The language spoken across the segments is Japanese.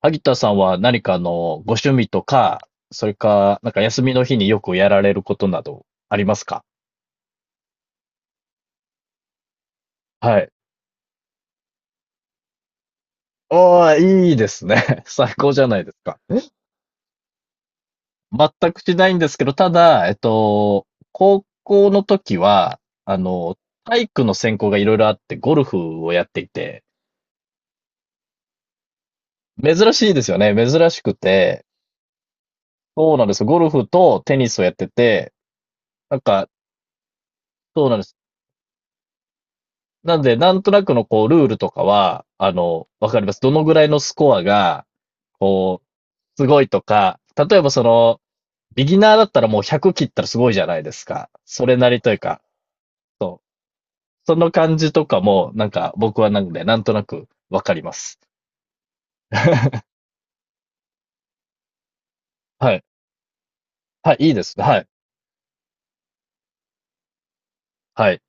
萩田さんは何かご趣味とか、それか、なんか休みの日によくやられることなどありますか？はい。おー、いいですね。最高じゃないですか。全くしないんですけど、ただ、高校の時は、あの、体育の専攻がいろいろあって、ゴルフをやっていて、珍しいですよね。珍しくて、そうなんですよ。ゴルフとテニスをやってて、なんか、そうなんです。なんで、なんとなくのこう、ルールとかは、わかります。どのぐらいのスコアが、こう、すごいとか、例えばその、ビギナーだったらもう100切ったらすごいじゃないですか。それなりというか、そう。その感じとかも、なんか僕はなんで、なんとなくわかります。はい。はい、いいですね。はい。はい。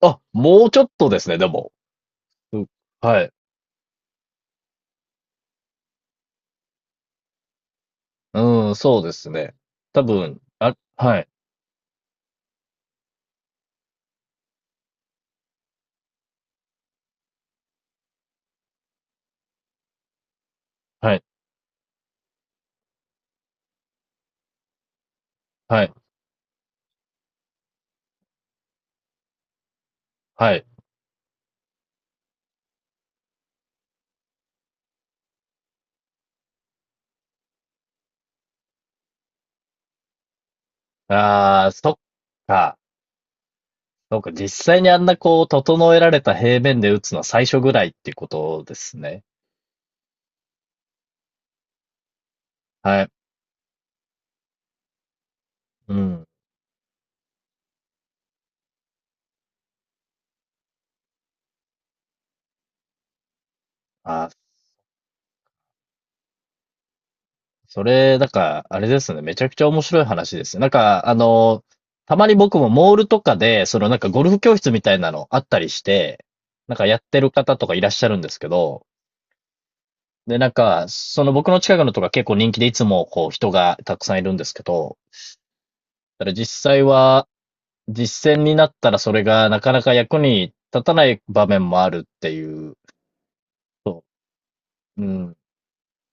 あ、もうちょっとですね、でも。うん、はい。うん、そうですね。多分、あ、はい、はい、はい、はい。ああ、そっか。そうか、実際にあんなこう、整えられた平面で打つのは最初ぐらいってことですね。はい。うん。あ、それ、なんか、あれですね。めちゃくちゃ面白い話ですね。なんか、たまに僕もモールとかで、そのなんかゴルフ教室みたいなのあったりして、なんかやってる方とかいらっしゃるんですけど、で、なんか、その僕の近くのとか結構人気でいつもこう人がたくさんいるんですけど、ただ実際は実践になったらそれがなかなか役に立たない場面もあるっていう。そう。うん。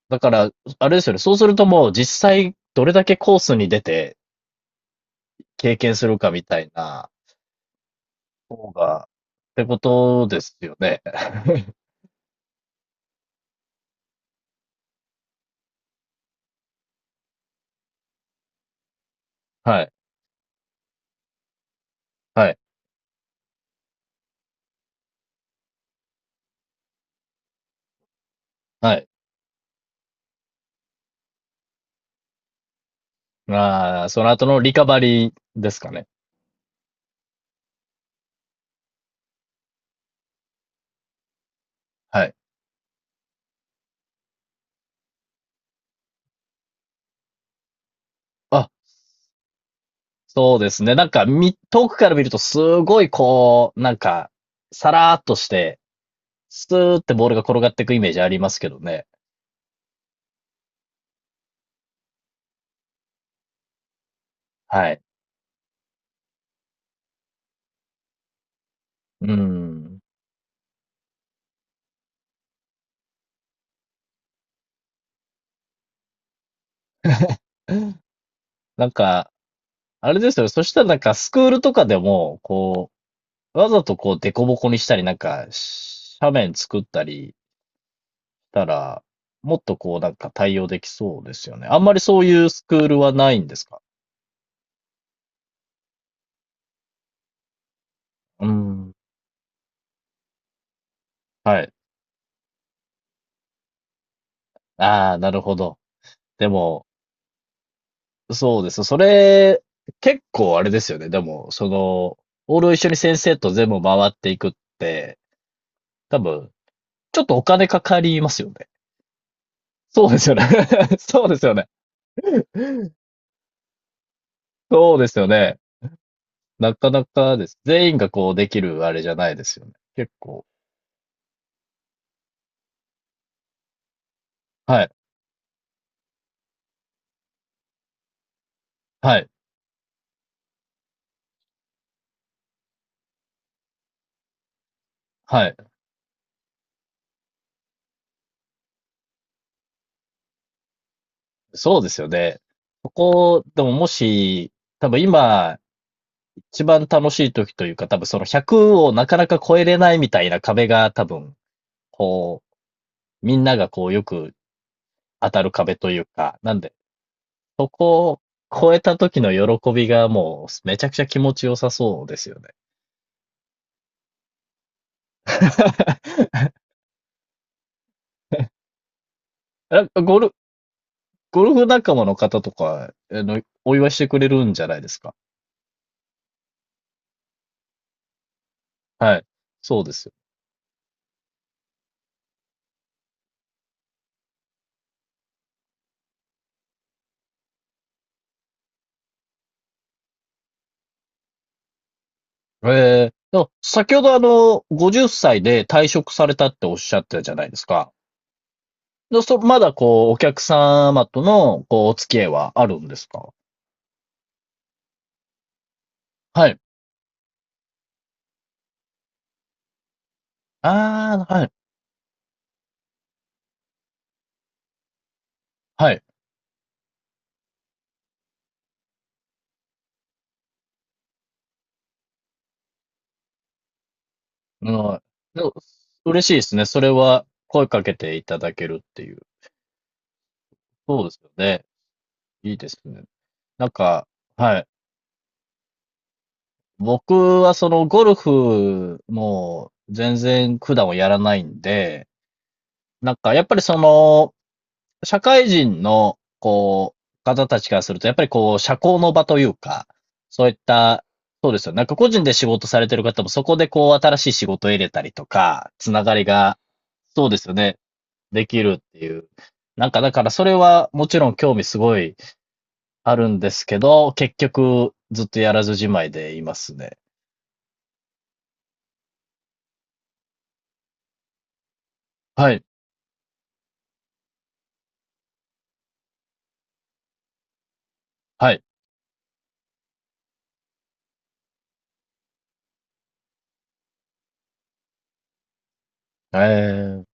だから、あれですよね。そうするともう実際どれだけコースに出て経験するかみたいな方が、ってことですよね。はい。はい。はい。ああ、その後のリカバリーですかね。はい。あ、そうですね。なんか、遠くから見るとすごいこう、なんか、さらーっとして、スーってボールが転がっていくイメージありますけどね。はい。うん。なんか、あれですよ。そしたらなんかスクールとかでも、こう、わざとこう、デコボコにしたり、なんか、斜面作ったりしたら、もっとこう、なんか対応できそうですよね。あんまりそういうスクールはないんですか？うん。はい。ああ、なるほど。でも、そうです。それ、結構あれですよね。でも、その、オールを一緒に先生と全部回っていくって、多分、ちょっとお金かかりますよね。そうですよね。そうですよね。そうですよね。なかなかです。全員がこうできるあれじゃないですよね。結構。はい。はい。はい。そうですよね。そこ、でももし、多分今、一番楽しい時というか、多分その100をなかなか超えれないみたいな壁が多分、こう、みんながこうよく当たる壁というか、なんで、そこを超えた時の喜びがもうめちゃくちゃ気持ちよさそうですよね。ゴーゴルゴルフ仲間の方とか、お祝いしてくれるんじゃないですか。はい。そうですよ。ええ。でも先ほどあの、50歳で退職されたっておっしゃってたじゃないですか。まだこう、お客様との、こう、お付き合いはあるんですか？はい。ああ、はい。はい。うん。でも、嬉しいですね。それは、声かけていただけるっていう。そうですよね。いいですね。なんか、はい。僕はそのゴルフも全然普段はやらないんで、なんかやっぱりその社会人のこう方たちからするとやっぱりこう社交の場というか、そういった、そうですよ。なんか個人で仕事されてる方もそこでこう新しい仕事を入れたりとか、つながりが、そうですよね、できるっていう。なんかだからそれはもちろん興味すごいあるんですけど、結局ずっとやらずじまいでいますね。はい。はい。ええ。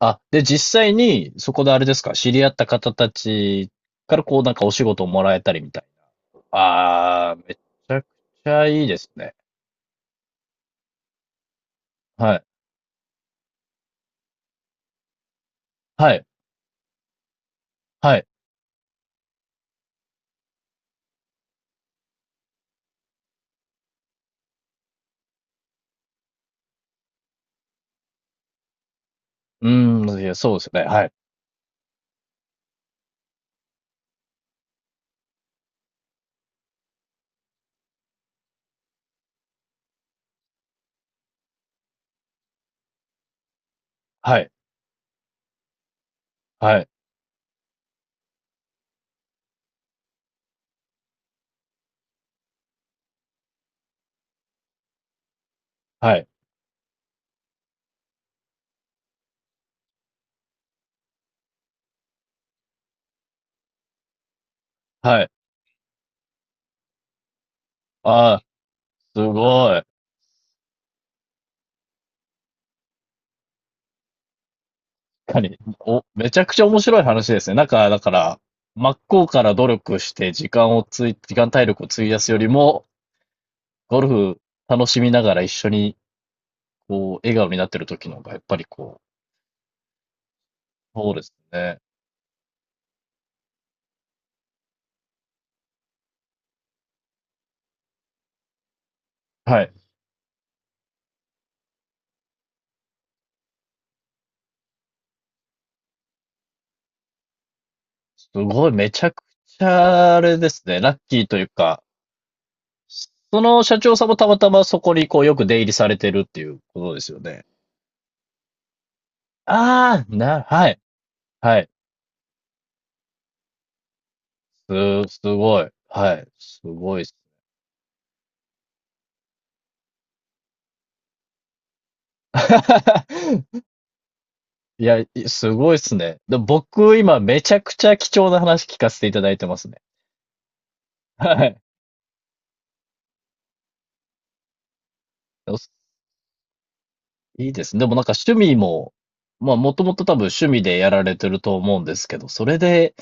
あ、で、実際に、そこであれですか、知り合った方たちからこうなんかお仕事をもらえたりみたいな。ああ、めちゃくちゃいいですね。はい。はい。はい。うーん、いや、そうですよね。はい。はい。はい。はい。はい。ああ、すごい。確かに。お、めちゃくちゃ面白い話ですね。なんか、だから、真っ向から努力して時間をつい、時間体力を費やすよりも、ゴルフ楽しみながら一緒に、こう、笑顔になってる時の方が、やっぱりこう、そうですね。はい。すごい、めちゃくちゃ、あれですね。ラッキーというか、その社長さんもたまたまそこにこうよく出入りされてるっていうことですよね。ああ、な、はい、はい。すごい。はい。すごいっす。いや、すごいっすね。でも僕、今、めちゃくちゃ貴重な話聞かせていただいてますね。はい。よし、いいですね。でもなんか趣味も、まあ、もともと多分趣味でやられてると思うんですけど、それで、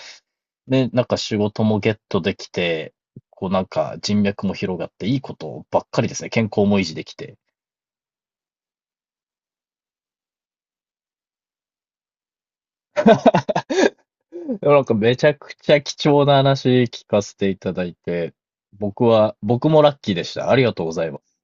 で、なんか仕事もゲットできて、こうなんか人脈も広がっていいことばっかりですね。健康も維持できて。でもなんかめちゃくちゃ貴重な話聞かせていただいて、僕は、僕もラッキーでした。ありがとうございます。